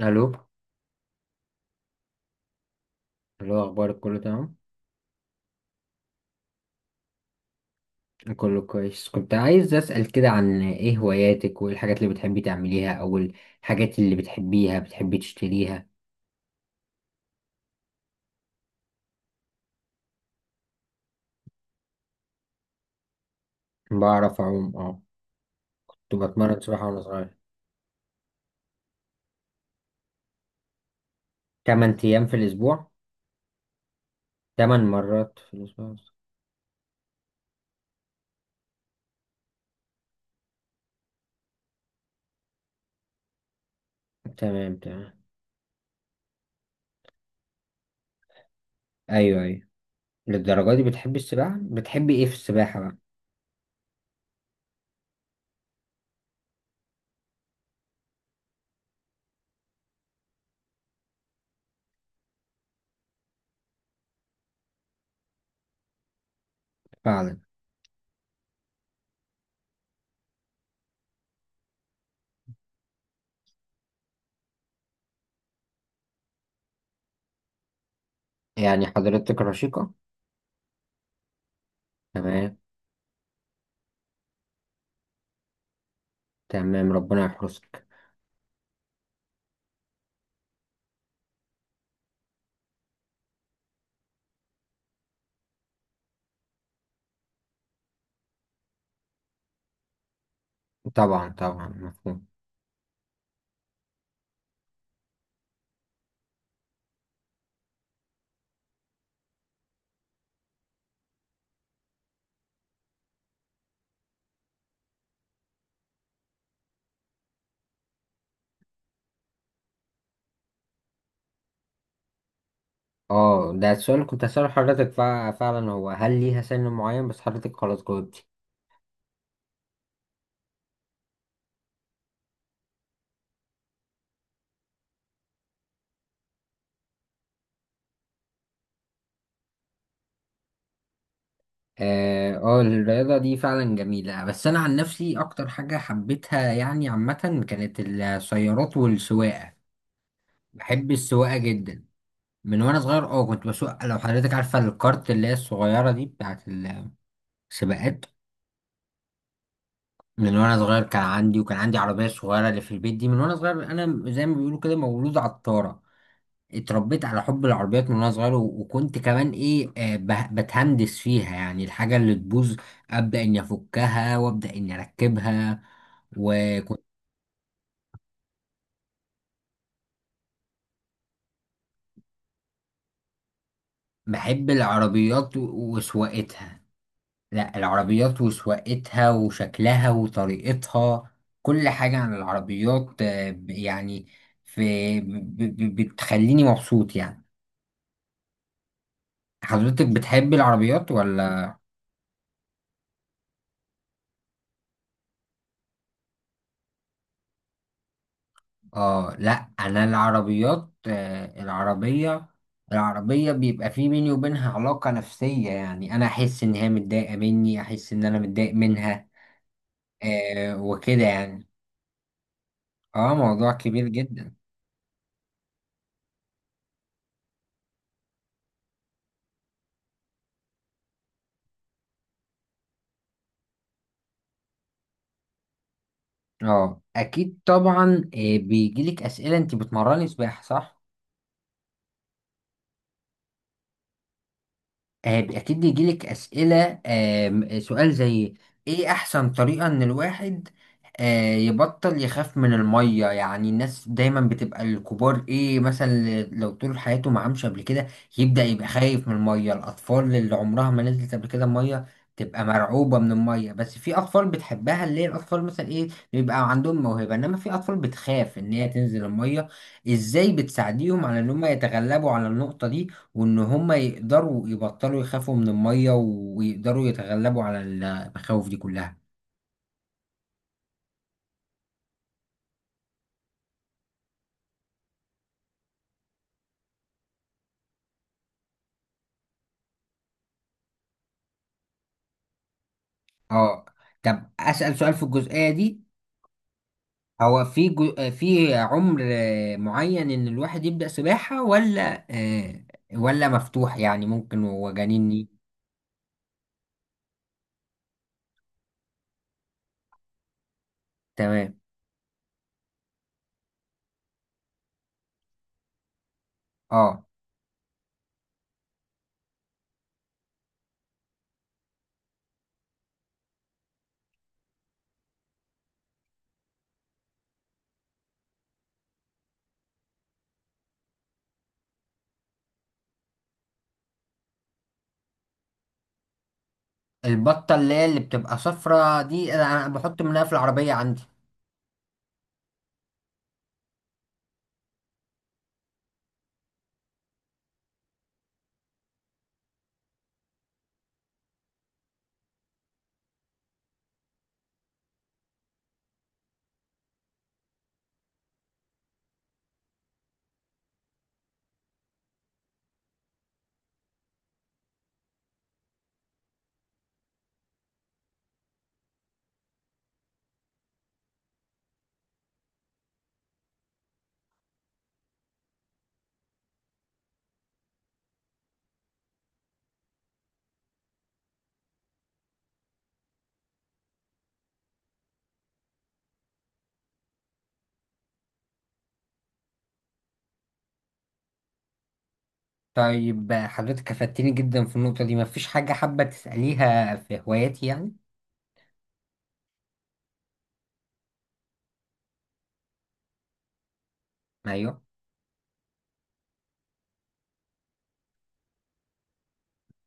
الو، الو. اخبارك؟ كله تمام؟ كله كويس. كنت عايز اسال كده عن ايه هواياتك، وايه الحاجات اللي بتحبي تعمليها او الحاجات اللي بتحبيها بتحبي تشتريها؟ بعرف اعوم، اه. كنت بتمرن سباحه وانا صغير؟ 8 ايام في الاسبوع؟ 8 مرات في الاسبوع. تمام، تمام. ايوه، ايوه. للدرجه دي بتحبي السباحه؟ بتحبي ايه في السباحه بقى؟ فعلا. يعني حضرتك رشيقه؟ تمام، تمام، ربنا يحرسك. طبعا، طبعا، مفهوم. اه، ده السؤال اللي كنت هسأله حضرتك فعلا. هو هل ليها سن معين؟ بس حضرتك خلاص جاوبتي. اه. الرياضة دي فعلا جميلة. بس أنا عن نفسي أكتر حاجة حبيتها يعني عامة كانت السيارات والسواقة. بحب السواقة جدا. من وأنا صغير اه كنت بسوق. لو حضرتك عارفة الكارت اللي هي الصغيرة دي بتاعت السباقات. من وأنا صغير كان عندي عربية صغيرة اللي في البيت دي. من وأنا صغير أنا زي ما بيقولوا كده مولود عطارة. اتربيت على حب العربيات من وانا صغير، وكنت كمان ايه، بتهندس فيها، يعني الحاجة اللي تبوظ ابدأ اني افكها وابدأ اني اركبها. وكنت بحب العربيات وسواقتها. لا، العربيات وسواقتها وشكلها وطريقتها. كل حاجة عن العربيات، يعني، في بتخليني مبسوط. يعني حضرتك بتحب العربيات ولا؟ اه، لا، انا العربيات، العربيه بيبقى في بيني وبينها علاقه نفسيه. يعني انا احس ان هي متضايقه مني، احس ان انا متضايق منها. وكده يعني. اه، موضوع كبير جدا. اه، اكيد طبعا. بيجيلك اسئله؟ انت بتمرني سباحه، صح؟ اكيد بيجيلك اسئله، سؤال زي ايه احسن طريقه ان الواحد يبطل يخاف من الميه؟ يعني الناس دايما بتبقى الكبار، ايه مثلا لو طول حياته ما عامش قبل كده يبدا يبقى خايف من الميه. الاطفال اللي عمرها ما نزلت قبل كده الميه تبقى مرعوبه من الميه. بس في اطفال بتحبها، اللي هي الاطفال مثلا ايه، بيبقى عندهم موهبه. انما في اطفال بتخاف ان هي تنزل الميه. ازاي بتساعديهم على ان هم يتغلبوا على النقطه دي، وان هم يقدروا يبطلوا يخافوا من المية، ويقدروا يتغلبوا على المخاوف دي كلها؟ اه، طب اسأل سؤال في الجزئية دي. هو في في عمر معين ان الواحد يبدأ سباحة؟ ولا آه، ولا مفتوح؟ يعني ممكن وهو جنين تمام، اه. البطة اللي هي اللي بتبقى صفرة دي انا بحط منها في العربية عندي. طيب، حضرتك افدتني جدا في النقطة دي. مفيش حاجة حابة تسأليها في هواياتي يعني؟ ايوه.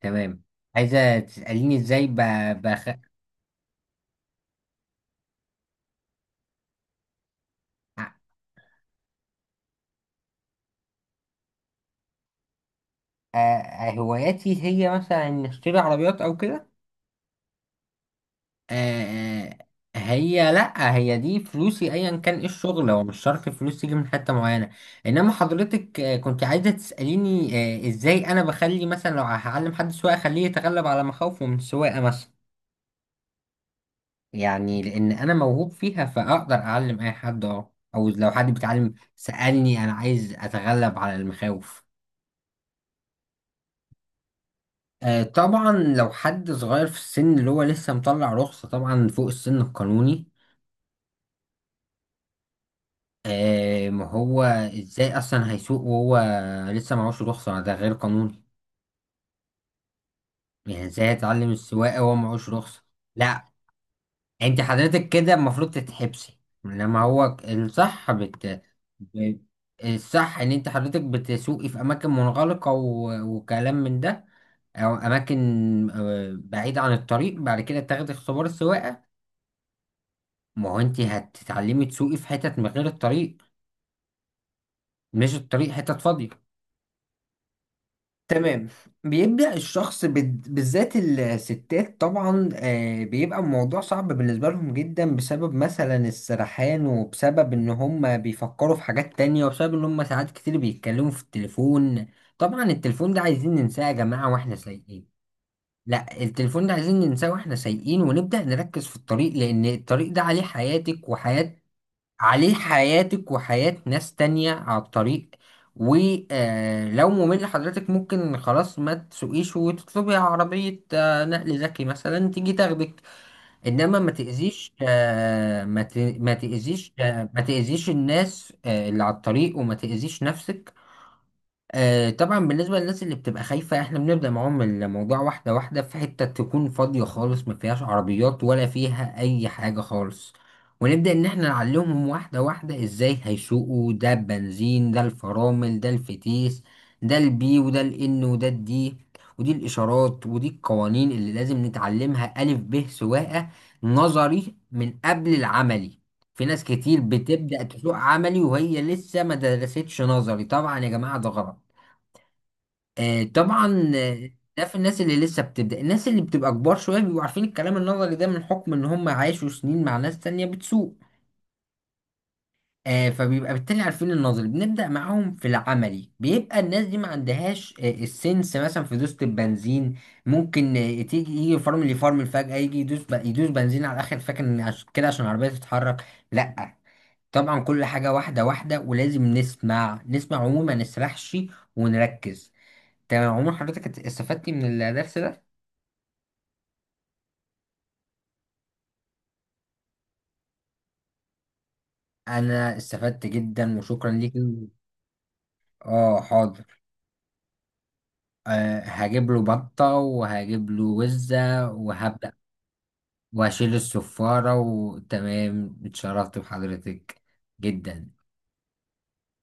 تمام. عايزة تسأليني ازاي بخ... ع- هواياتي هي مثلا إن اشتري عربيات او كده. آه، هي، لا، هي دي فلوسي. ايا كان ايه الشغل، هو مش شرط فلوس تيجي من حتة معينة. انما حضرتك كنت عايزة تسأليني ازاي انا بخلي، مثلا لو هعلم حد سواقة اخليه يتغلب على مخاوفه من السواقة مثلا. يعني لان انا موهوب فيها فاقدر اعلم اي حد، اه. او لو حد بيتعلم سألني انا عايز اتغلب على المخاوف. طبعا لو حد صغير في السن، اللي هو لسه مطلع رخصة، طبعا فوق السن القانوني. ما هو ازاي اصلا هيسوق وهو لسه معهوش رخصة؟ ده غير قانوني. يعني ازاي هيتعلم السواقة وهو معهوش رخصة؟ لا، انت حضرتك كده المفروض تتحبسي. لما هو الصح ب- الصح ان انت حضرتك بتسوقي في اماكن منغلقة وكلام من ده، او اماكن بعيدة عن الطريق. بعد كده تاخدي اختبار السواقة. ما هو انت هتتعلمي تسوقي في حتت من غير الطريق، مش الطريق، حتت فاضية. تمام. بيبدأ الشخص بالذات الستات، طبعا، بيبقى الموضوع صعب بالنسبة لهم جدا، بسبب مثلا السرحان، وبسبب ان هم بيفكروا في حاجات تانية، وبسبب ان هم ساعات كتير بيتكلموا في التليفون. طبعا التليفون ده عايزين ننساه يا جماعة واحنا سايقين. لا، التليفون ده عايزين ننساه واحنا سايقين، ونبدأ نركز في الطريق، لان الطريق ده عليه حياتك وحياة عليه حياتك وحياة ناس تانية على الطريق. ولو ممل لحضرتك، ممكن خلاص ما تسوقيش وتطلبي عربية نقل ذكي مثلا تيجي تاخدك. انما ما تأذيش الناس اللي على الطريق، وما تأذيش نفسك. طبعا بالنسبة للناس اللي بتبقى خايفة، احنا بنبدأ معاهم الموضوع واحدة واحدة في حتة تكون فاضية خالص، ما فيهاش عربيات ولا فيها أي حاجة خالص. ونبدأ إن احنا نعلمهم واحدة واحدة ازاي هيسوقوا: ده البنزين، ده الفرامل، ده الفتيس، ده البي، وده الإن، وده الدي، ودي الإشارات، ودي القوانين اللي لازم نتعلمها. ألف ب سواقة، نظري من قبل العملي. في ناس كتير بتبدأ تسوق عملي وهي لسه ما درستش نظري. طبعا يا جماعة ده غلط. طبعا ده في الناس اللي لسه بتبدأ. الناس اللي بتبقى كبار شوية بيبقوا عارفين الكلام النظري ده من حكم ان هم عاشوا سنين مع ناس تانية بتسوق. فبيبقى بالتالي عارفين النظري، بنبدأ معاهم في العملي. بيبقى الناس دي ما عندهاش السنس مثلا في دوسة البنزين. ممكن تيجي يجي فرمل يفرمل فجأة، يجي يدوس يدوس بنزين على الآخر، فاكر إن كده عشان العربية تتحرك. لأ. طبعا كل حاجة واحدة واحدة، ولازم نسمع نسمع عموما ما نسرحش ونركز. تمام. عمر حضرتك استفدتي من الدرس ده؟ انا استفدت جدا، وشكرا ليك. اه، حاضر. أه، هجيب له بطة، وهجيب له وزة، وهبدأ وهشيل الصفارة. وتمام، اتشرفت بحضرتك جدا.